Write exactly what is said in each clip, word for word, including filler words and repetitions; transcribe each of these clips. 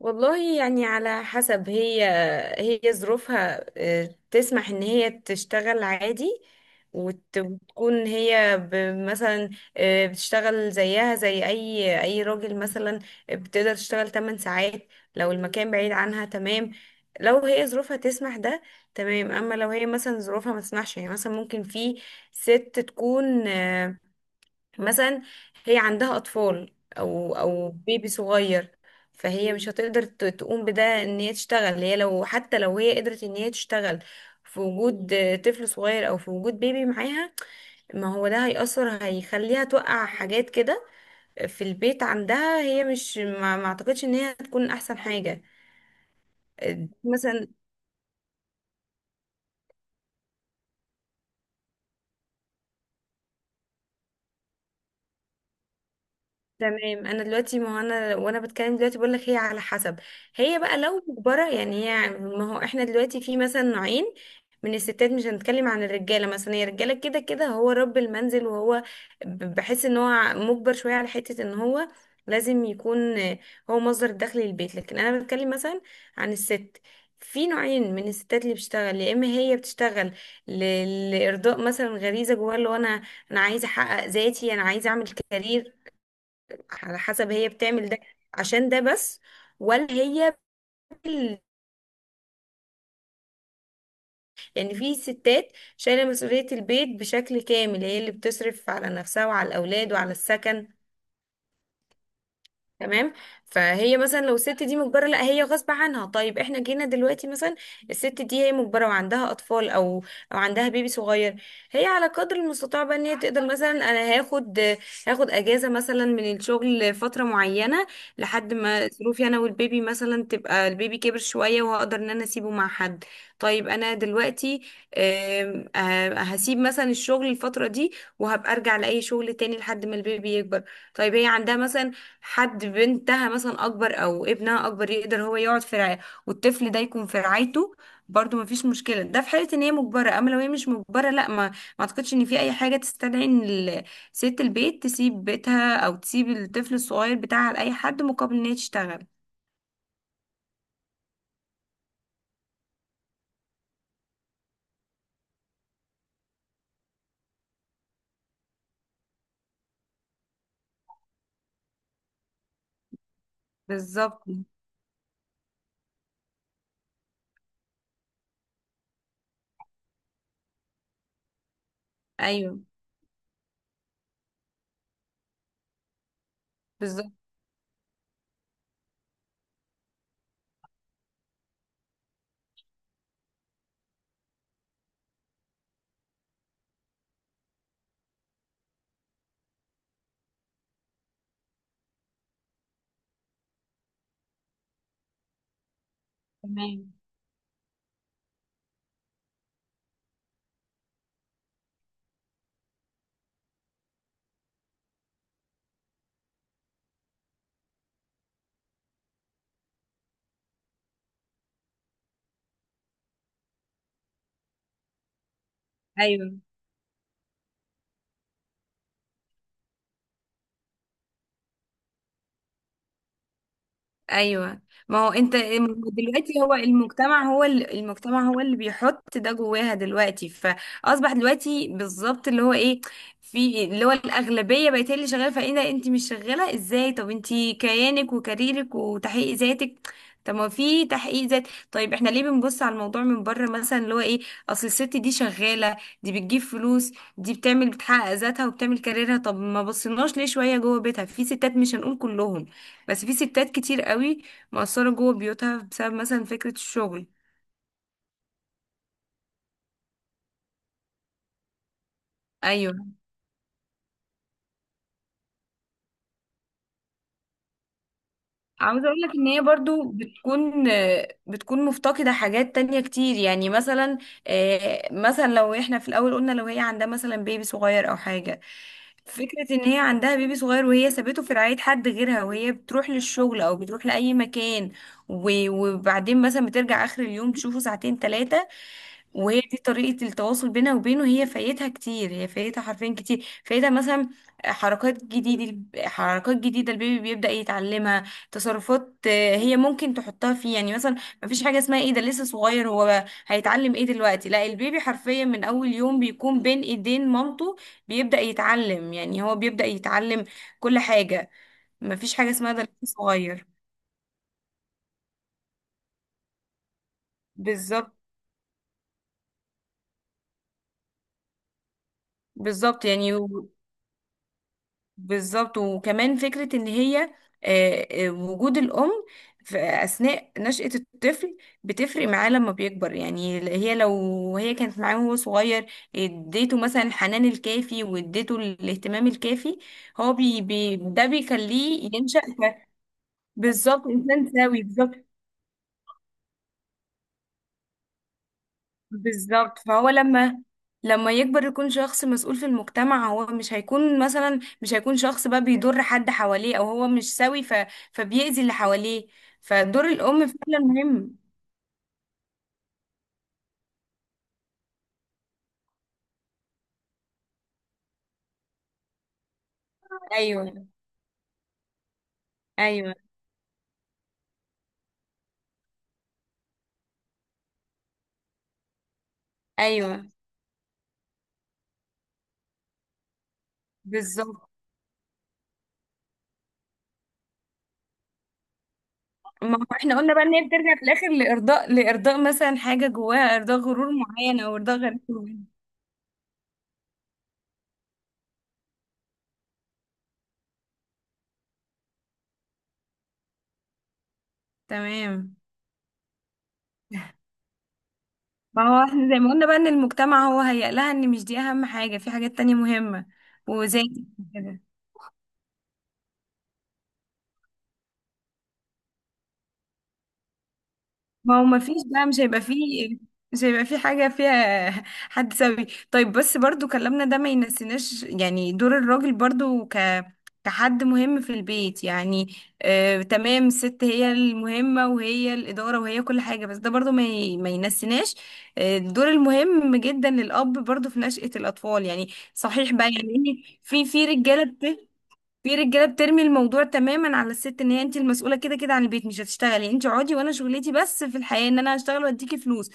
والله، يعني على حسب هي هي ظروفها، آه، تسمح ان هي تشتغل عادي. وت- وتكون هي ب- مثلا آه، بتشتغل زيها زي اي اي راجل، مثلا بتقدر تشتغل 8 ساعات لو المكان بعيد عنها، تمام. لو هي ظروفها تسمح ده تمام. اما لو هي مثلا ظروفها ما تسمحش، يعني مثلا ممكن في ست تكون آه، مثلا هي عندها اطفال او او بيبي صغير. فهي مش هتقدر ت- تقوم بده، ان هي تشتغل. هي لو حتى لو هي قدرت ان هي تشتغل في وجود طفل صغير او في وجود بيبي معاها، ما هو ده هيأثر، هيخليها توقع حاجات كده في البيت عندها. هي مش ما ما اعتقدش ان هي هتكون احسن حاجة. آه، مثلا تمام. انا دلوقتي، ما هو انا، وانا بتكلم دلوقتي بقول لك هي على حسب. هي بقى لو مجبره، يعني هي ما هو احنا دلوقتي في مثلا نوعين من الستات. مش هنتكلم عن الرجاله، مثلا هي الرجاله كده كده هو رب المنزل وهو ب- بحس ان هو مجبر شويه على حته ان هو لازم يكون هو مصدر دخل للبيت. لكن انا بتكلم مثلا عن الست. في نوعين من الستات اللي بتشتغل، يا اما هي بتشتغل ل- لارضاء مثلا غريزه جواها، اللي هو انا، انا عايزه احقق ذاتي، انا عايزه اعمل كارير. على حسب هي بتعمل ده عشان ده بس. ولا هي بال... يعني في ستات شايلة مسؤولية البيت بشكل كامل، هي اللي بتصرف على نفسها وعلى الأولاد وعلى السكن، تمام. فهي مثلا لو الست دي مجبره، لا، هي غصب عنها. طيب احنا جينا دلوقتي مثلا الست دي هي مجبره وعندها اطفال او او عندها بيبي صغير. هي على قدر المستطاع بقى ان هي تقدر، مثلا انا هاخد، هاخد اجازه مثلا من الشغل فتره معينه، لحد ما ظروفي انا والبيبي مثلا تبقى، البيبي كبر شويه وهقدر ان انا اسيبه مع حد. طيب انا دلوقتي آم، آه، هسيب مثلا الشغل الفتره دي، وهبقى ارجع لاي شغل تاني لحد ما البيبي يكبر. طيب هي عندها مثلا حد، بنتها مثلا اكبر او ابنها اكبر يقدر هو يقعد في رعاية، والطفل ده يكون في رعايته. برضو مفيش مشكله. ده في حاله ان هي مجبره. اما لو هي مش مجبره، لا، ما ما اعتقدش ان في اي حاجه تستدعي ان ال- ست البيت تسيب بيتها او تسيب الطفل الصغير بتاعها لاي حد مقابل ان هي تشتغل. بالظبط. ايوه، بالظبط. تمام. ايوه. ايوه، ما هو انت دلوقتي هو المجتمع هو ال- المجتمع هو اللي بيحط ده جواها دلوقتي، فاصبح دلوقتي بالظبط اللي هو ايه، في اللي هو الاغلبيه بقت هي اللي شغاله. فايه ده، انت مش شغاله؟ ازاي؟ طب انت كيانك وكاريرك وتحقيق ذاتك؟ طب ما في تحقيق ذات. طيب احنا ليه بنبص على الموضوع من بره مثلا اللي هو ايه، اصل الست دي شغاله، دي بتجيب فلوس، دي بتعمل بتحقق ذاتها وبتعمل كاريرها. طب ما بصيناش ليه شويه جوه بيتها؟ في ستات، مش هنقول كلهم بس في ستات كتير قوي مقصرة جوه بيوتها بسبب مثلا فكرة الشغل. عاوزة اقول لك ان هي برضو بتكون بتكون مفتقدة حاجات تانية كتير، يعني مثلا آه، مثلا لو احنا في الاول قلنا لو هي عندها مثلا بيبي صغير او حاجة. فكرة ان هي عندها بيبي صغير وهي سابته في رعاية حد غيرها وهي بتروح للشغل او بتروح لأي مكان، و- وبعدين مثلا بترجع اخر اليوم تشوفه ساعتين ثلاثة، وهي دي طريقة التواصل بينها وبينه. هي فايتها كتير، هي فايتها حرفيا كتير. فايتها مثلا حركات جديدة، حركات جديدة البيبي بيبدأ يتعلمها. تصرفات آه، هي ممكن تحطها فيه، يعني مثلا مفيش حاجة اسمها ايه ده لسه صغير، هو هيتعلم ايه دلوقتي. لا، البيبي حرفيا من اول يوم بيكون بين ايدين مامته، بيبدأ يتعلم، يعني هو بيبدأ يتعلم كل حاجة. مفيش حاجة اسمها ده لسه صغير. بالظبط. بالظبط، يعني بالظبط. وكمان فكرة ان هي آه، آه، وجود الأم في أثناء نشأة الطفل بتفرق معاه لما بيكبر. يعني هي لو هي كانت معاه وهو صغير، اديته مثلا الحنان الكافي واديته الاهتمام الكافي، هو بي بي ده بيخليه ينشأ ك- بالظبط، إنسان سوي، بالظبط. بالظبط فهو لما لما يكبر يكون شخص مسؤول في المجتمع، هو مش هيكون مثلا مش هيكون شخص بقى بيضر حد حواليه او هو مش سوي، ف... فبيأذي اللي حواليه. فدور الام فعلا مهم. ايوه، ايوه، ايوه، بالظبط. ما هو احنا قلنا بقى ان هي بترجع في الاخر لارضاء، لارضاء مثلا حاجه جواها، ارضاء غرور معين او ارضاء غريب معين. تمام ما هو احنا زي ما قلنا بقى ان المجتمع هو هيقلها ان مش دي اهم حاجه، في حاجات تانية مهمه. وزي كده. ما هو ما فيش بقى، مش هيبقى فيه مش هيبقى فيه حاجة فيها حد سوي. طيب بس برضو كلامنا ده ما ينسيناش يعني دور الراجل برضو ك كحد مهم في البيت يعني. آه تمام الست هي المهمة وهي الإدارة وهي كل حاجة، بس ده برضو ما ي... ما ينسيناش آه الدور المهم جدا للأب برضو في نشأة الأطفال. يعني صحيح بقى، يعني إيه، في في رجالة في رجاله بترمي الموضوع تماما على الست ان هي انت المسؤوله كده كده عن البيت. مش هتشتغلي انت، اقعدي وانا شغلتي بس في الحياه ان انا هشتغل واديكي فلوس.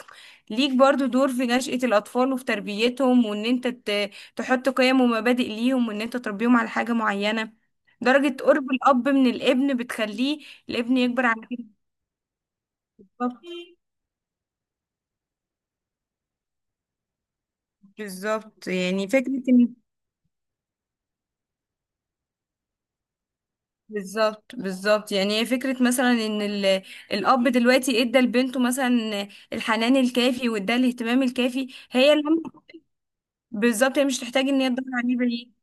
ليك برضو دور في نشأة الاطفال وفي تربيتهم، وان انت ت- تحط قيم ومبادئ ليهم، وان انت تربيهم على حاجه معينه. درجه قرب الاب من الابن بتخليه الابن يكبر على كده. بالظبط، بالظبط. يعني فكره، بالظبط، بالظبط يعني هي فكرة مثلا ان ال- الاب دلوقتي ادى لبنته مثلا الحنان الكافي وادى الاهتمام الكافي، هي اللي بالظبط هي مش تحتاج ان هي تدور عليه بعيد.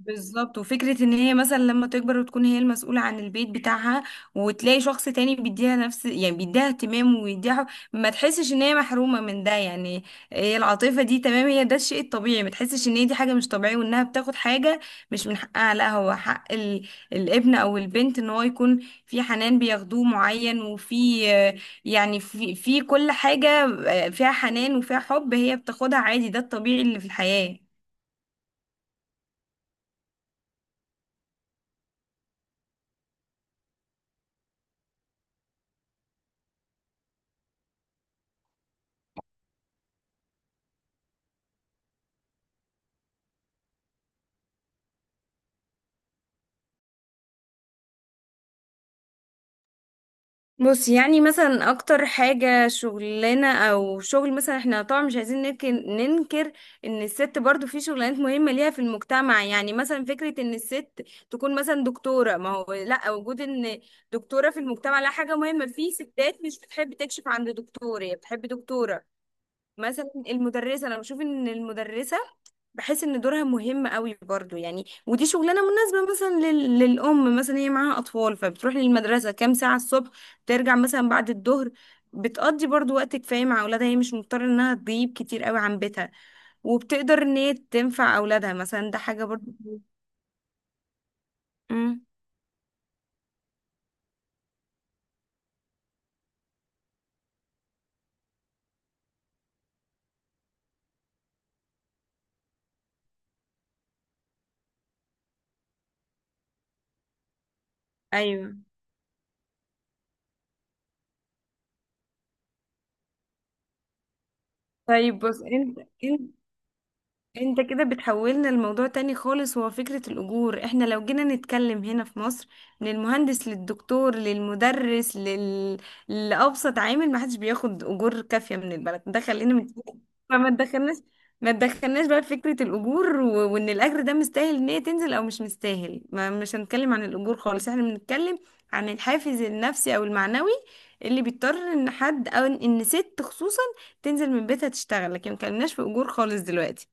بالظبط. وفكرة ان هي مثلا لما تكبر وتكون هي المسؤولة عن البيت بتاعها وتلاقي شخص تاني بيديها نفس، يعني بيديها اهتمام ويديها حب، ما تحسش ان هي محرومة من ده. يعني هي العاطفة دي تمام هي ده الشيء الطبيعي، ما تحسش ان هي دي حاجة مش طبيعية وانها بتاخد حاجة مش من حقها. لا، هو حق ال... الابن او البنت ان هو يكون في حنان بياخدوه معين، وفي آه، يعني في في كل حاجة آه، فيها حنان وفيها حب، هي بتاخدها عادي. ده الطبيعي اللي في الحياة. بص، يعني مثلا اكتر حاجة شغلنا او شغل مثلا، احنا طبعا مش عايزين ننكر, ننكر ان الست برضو في شغلانات مهمة ليها في المجتمع. يعني مثلا فكرة ان الست تكون مثلا دكتورة، ما هو لا وجود ان دكتورة في المجتمع لا، حاجة مهمة. في ستات مش بتحب تكشف عند دكتور، هي بتحب دكتورة. مثلا المدرسة، انا بشوف ان المدرسة بحس ان دورها مهم قوي برضو. يعني ودي شغلانه مناسبه مثلا لل... للام، مثلا هي معاها اطفال فبتروح للمدرسه كام ساعه الصبح، ترجع مثلا بعد الظهر، بتقضي برضو وقت كفايه مع اولادها، هي مش مضطره انها تغيب كتير قوي عن بيتها. وبتقدر ان هي تنفع اولادها مثلا. ده حاجه برضو. امم. ايوه. طيب بص انت، انت كده بتحولنا الموضوع تاني خالص. هو فكرة الأجور، احنا لو جينا نتكلم هنا في مصر من المهندس للدكتور للمدرس لل... لأبسط عامل، ما حدش بياخد أجور كافية من البلد ده. خلينا من... فما تدخلناش ما تدخلناش بقى في فكرة الأجور و... وإن الأجر ده مستاهل إن هي تنزل أو مش مستاهل. ما مش هنتكلم عن الأجور خالص، احنا بنتكلم عن الحافز النفسي أو المعنوي اللي بيضطر إن حد أو إن إن ست خصوصا تنزل من بيتها تشتغل. لكن ما اتكلمناش في أجور خالص دلوقتي،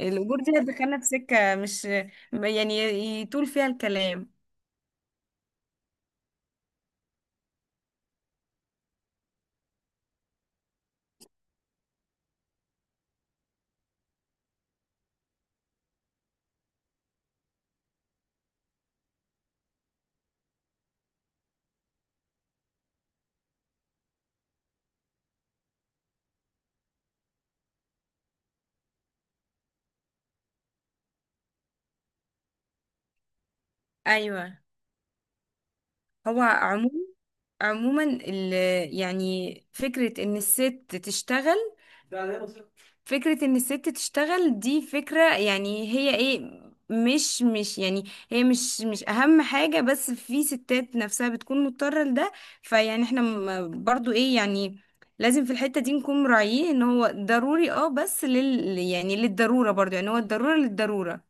الأجور دي هتدخلنا في سكة مش، يعني، يطول فيها الكلام. أيوة. هو عموما، عموما ال... يعني فكرة إن الست تشتغل، فكرة إن الست تشتغل دي فكرة، يعني هي إيه، مش مش يعني. هي مش مش أهم حاجة، بس في ستات نفسها بتكون مضطرة لده. فيعني احنا م- برضو إيه يعني، لازم في الحتة دي نكون مراعيين إن هو ضروري، اه بس لل يعني للضرورة برضو، يعني هو الضرورة للضرورة.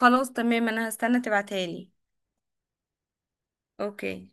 خلاص، تمام، انا هستنى تبعتها لي. اوكي